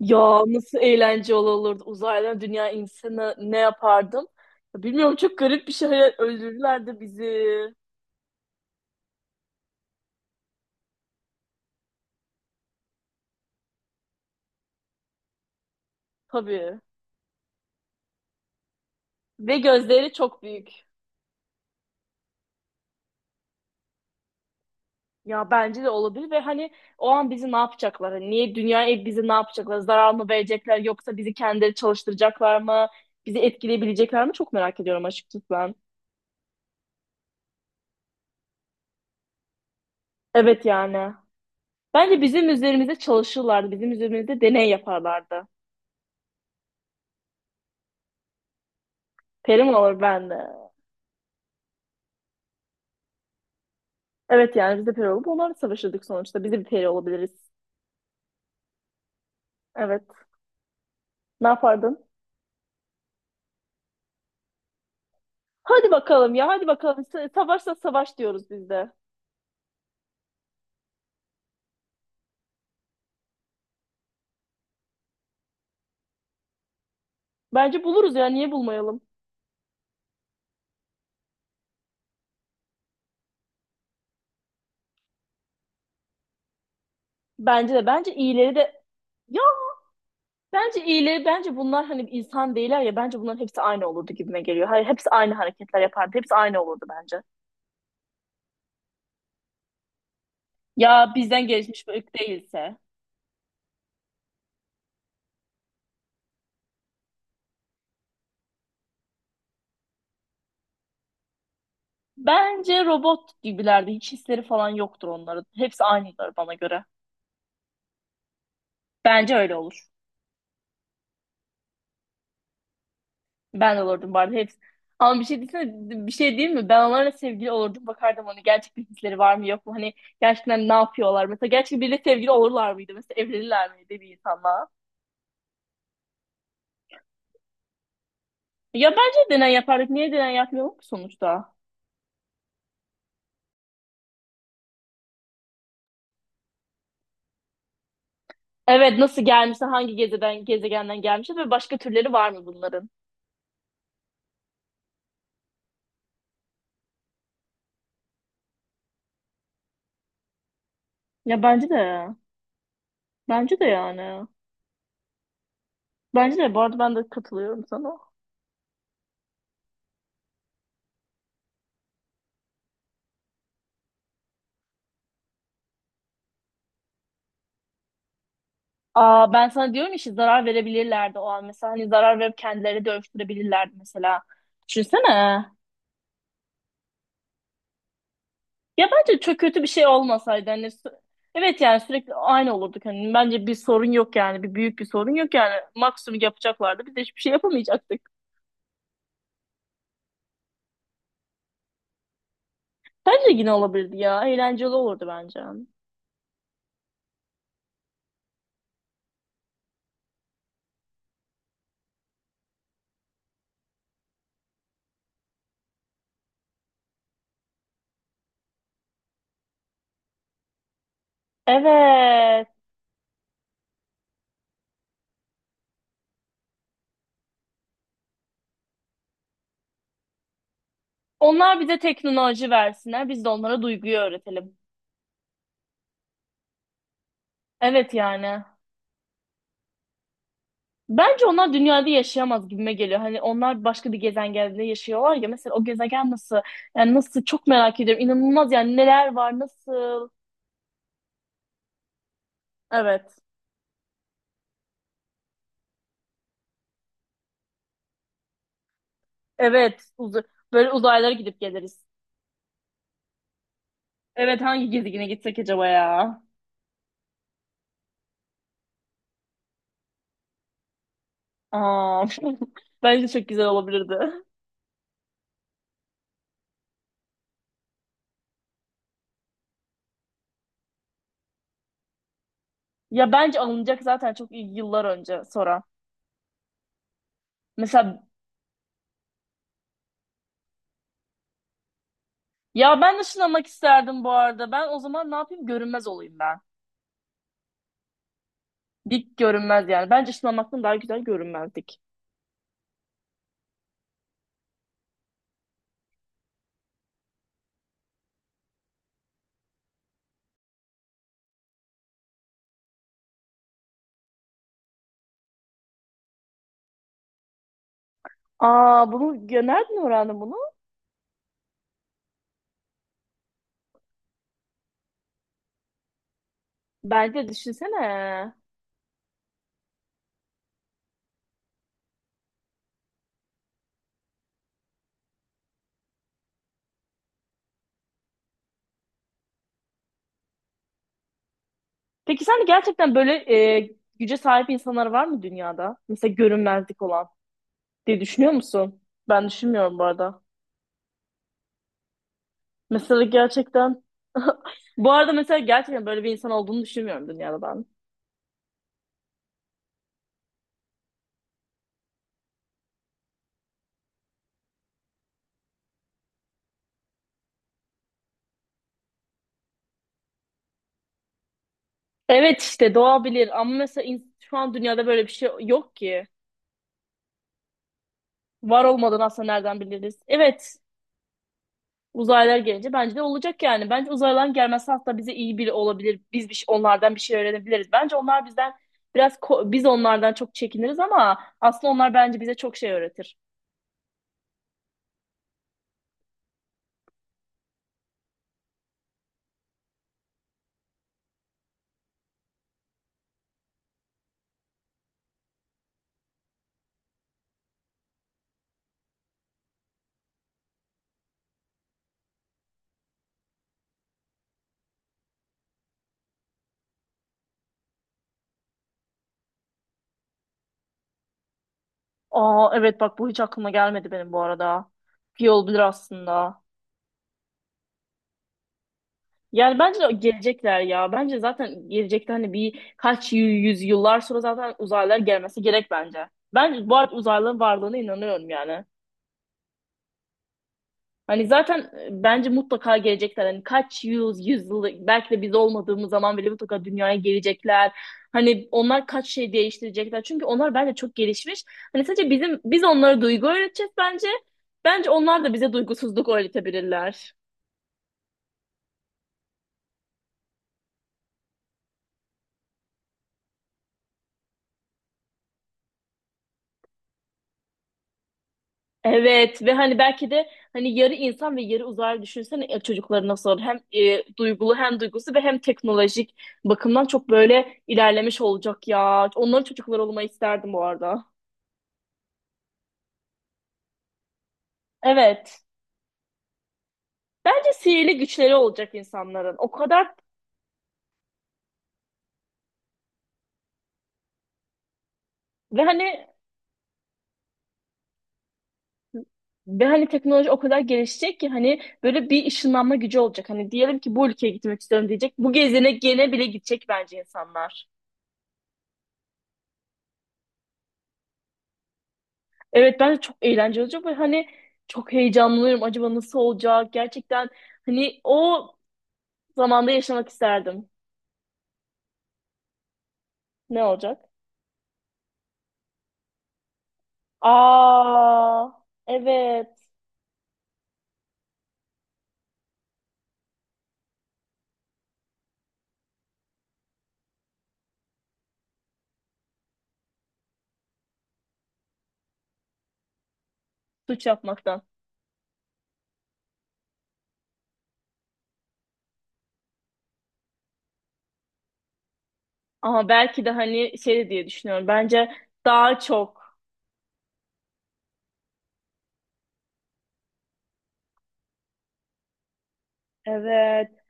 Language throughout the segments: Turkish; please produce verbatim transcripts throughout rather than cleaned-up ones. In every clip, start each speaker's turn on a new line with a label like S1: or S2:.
S1: Ya nasıl eğlence olurdu uzaylı dünya insanı ne yapardım? Ya bilmiyorum çok garip bir şey Hayal- öldürürlerdi bizi. Tabii. Ve gözleri çok büyük. Ya bence de olabilir ve hani o an bizi ne yapacaklar? Hani niye dünyaya bizi ne yapacaklar? Zarar mı verecekler yoksa bizi kendileri çalıştıracaklar mı? Bizi etkileyebilecekler mi? Çok merak ediyorum açıkçası ben. Evet yani. Bence bizim üzerimizde çalışırlardı. Bizim üzerimizde deney yaparlardı. Peri mi olur ben de? Evet yani biz de peri olup onlarla savaşırdık sonuçta. Biz de bir peri olabiliriz. Evet. Ne yapardın? Hadi bakalım ya hadi bakalım. Sa- Savaşsa savaş diyoruz biz de. Bence buluruz ya niye bulmayalım? Bence de bence iyileri de ya bence iyileri bence bunlar hani insan değiller ya bence bunların hepsi aynı olurdu gibime geliyor. Hayır hepsi aynı hareketler yapardı. Hepsi aynı olurdu bence. Ya bizden gelişmiş bir ırk değilse. Bence robot gibilerdi. Hiç hisleri falan yoktur onların. Hepsi aynıdır bana göre. Bence öyle olur. Ben de olurdum bu arada hepsi. Ama bir şey desene, bir şey değil mi? Ben onlarla sevgili olurdum. Bakardım hani gerçekten hisleri var mı yok mu? Hani gerçekten ne yapıyorlar? Mesela gerçekten biriyle sevgili olurlar mıydı? Mesela evlenirler miydi bir insanla? Ya bence deney yapardık. Niye deney yapmıyorum ki sonuçta? Evet nasıl gelmişse hangi gezeden, gezegenden gelmiş ve başka türleri var mı bunların? Ya bence de. Bence de yani. Bence de. Bu arada ben de katılıyorum sana. Aa, ben sana diyorum işte zarar verebilirlerdi o an. Mesela hani zarar verip kendileri dönüştürebilirlerdi mesela. Düşünsene. Ya bence çok kötü bir şey olmasaydı. Hani sü- evet yani sürekli aynı olurduk. Hani bence bir sorun yok yani. Bir büyük bir sorun yok yani. Maksimum yapacaklardı. Biz de hiçbir şey yapamayacaktık. Bence yine olabilirdi ya. Eğlenceli olurdu bence. Evet. Onlar bize teknoloji versinler. Biz de onlara duyguyu öğretelim. Evet yani. Bence onlar dünyada yaşayamaz gibime geliyor. Hani onlar başka bir gezegende yaşıyorlar ya. Mesela o gezegen nasıl? Yani nasıl çok merak ediyorum. İnanılmaz yani neler var, nasıl? Evet. Evet. Uza- böyle uzaylara gidip geliriz. Evet hangi gezegene gitsek acaba ya? Aa, bence çok güzel olabilirdi. Ya bence alınacak zaten çok iyi yıllar önce sonra. Mesela ya ben ışınlanmak isterdim bu arada. Ben o zaman ne yapayım? Görünmez olayım ben. Dik görünmez yani. Bence ışınlanmaktan daha güzel görünmezdik. Aa bunu ya nereden öğrendin bunu? Bence düşünsene. Peki sen de gerçekten böyle e, güce sahip insanlar var mı dünyada? Mesela görünmezlik olan diye düşünüyor musun? Ben düşünmüyorum bu arada. Mesela gerçekten bu arada mesela gerçekten böyle bir insan olduğunu düşünmüyorum dünyada ben. Evet işte doğa bilir ama mesela in- şu an dünyada böyle bir şey yok ki. Var olmadan aslında nereden biliriz? Evet uzaylılar gelince bence de olacak yani. Bence uzaylıların gelmesi hatta bize iyi biri olabilir. Biz bir, şey- onlardan bir şey öğrenebiliriz. Bence onlar bizden biraz ko- biz onlardan çok çekiniriz ama aslında onlar bence bize çok şey öğretir. Aa evet bak bu hiç aklıma gelmedi benim bu arada. İyi olabilir aslında. Yani bence de gelecekler ya. Bence zaten gelecekte hani bir kaç yü- yüz yıllar sonra zaten uzaylılar gelmesi gerek bence. Ben bu arada uzaylıların varlığına inanıyorum yani. Hani zaten e, bence mutlaka gelecekler. Hani kaç yüz, yüz yıl belki de biz olmadığımız zaman bile mutlaka dünyaya gelecekler. Hani onlar kaç şey değiştirecekler. Çünkü onlar bence çok gelişmiş. Hani sadece bizim biz onlara duygu öğreteceğiz bence. Bence onlar da bize duygusuzluk öğretebilirler. Evet ve hani belki de hani yarı insan ve yarı uzaylı düşünsene e, çocukları nasıl olur? Hem e, duygulu hem duygusu ve hem teknolojik bakımdan çok böyle ilerlemiş olacak ya. Onların çocukları olmayı isterdim bu arada. Evet. Bence sihirli güçleri olacak insanların. O kadar ve hani ve hani teknoloji o kadar gelişecek ki hani böyle bir ışınlanma gücü olacak. Hani diyelim ki bu ülkeye gitmek istiyorum diyecek. Bu gezene gene bile gidecek bence insanlar. Evet ben de çok eğlenceli olacak ve hani çok heyecanlıyım. Acaba nasıl olacak? Gerçekten hani o zamanda yaşamak isterdim. Ne olacak? Aa evet suç yapmaktan. Ama belki de hani şey de diye düşünüyorum. Bence daha çok evet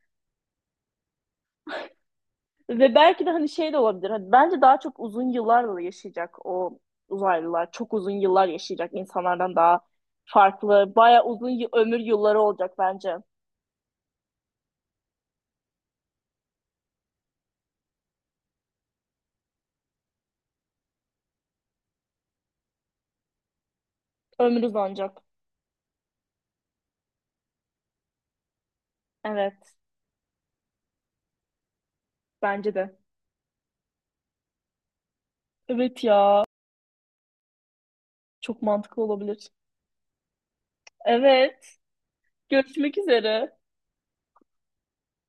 S1: ve belki de hani şey de olabilir. Hani bence daha çok uzun yıllarla yaşayacak o uzaylılar. Çok uzun yıllar yaşayacak insanlardan daha farklı. Baya uzun y- ömür yılları olacak bence. Ömür uzanacak. Evet. Bence de. Evet ya. Çok mantıklı olabilir. Evet. Görüşmek üzere.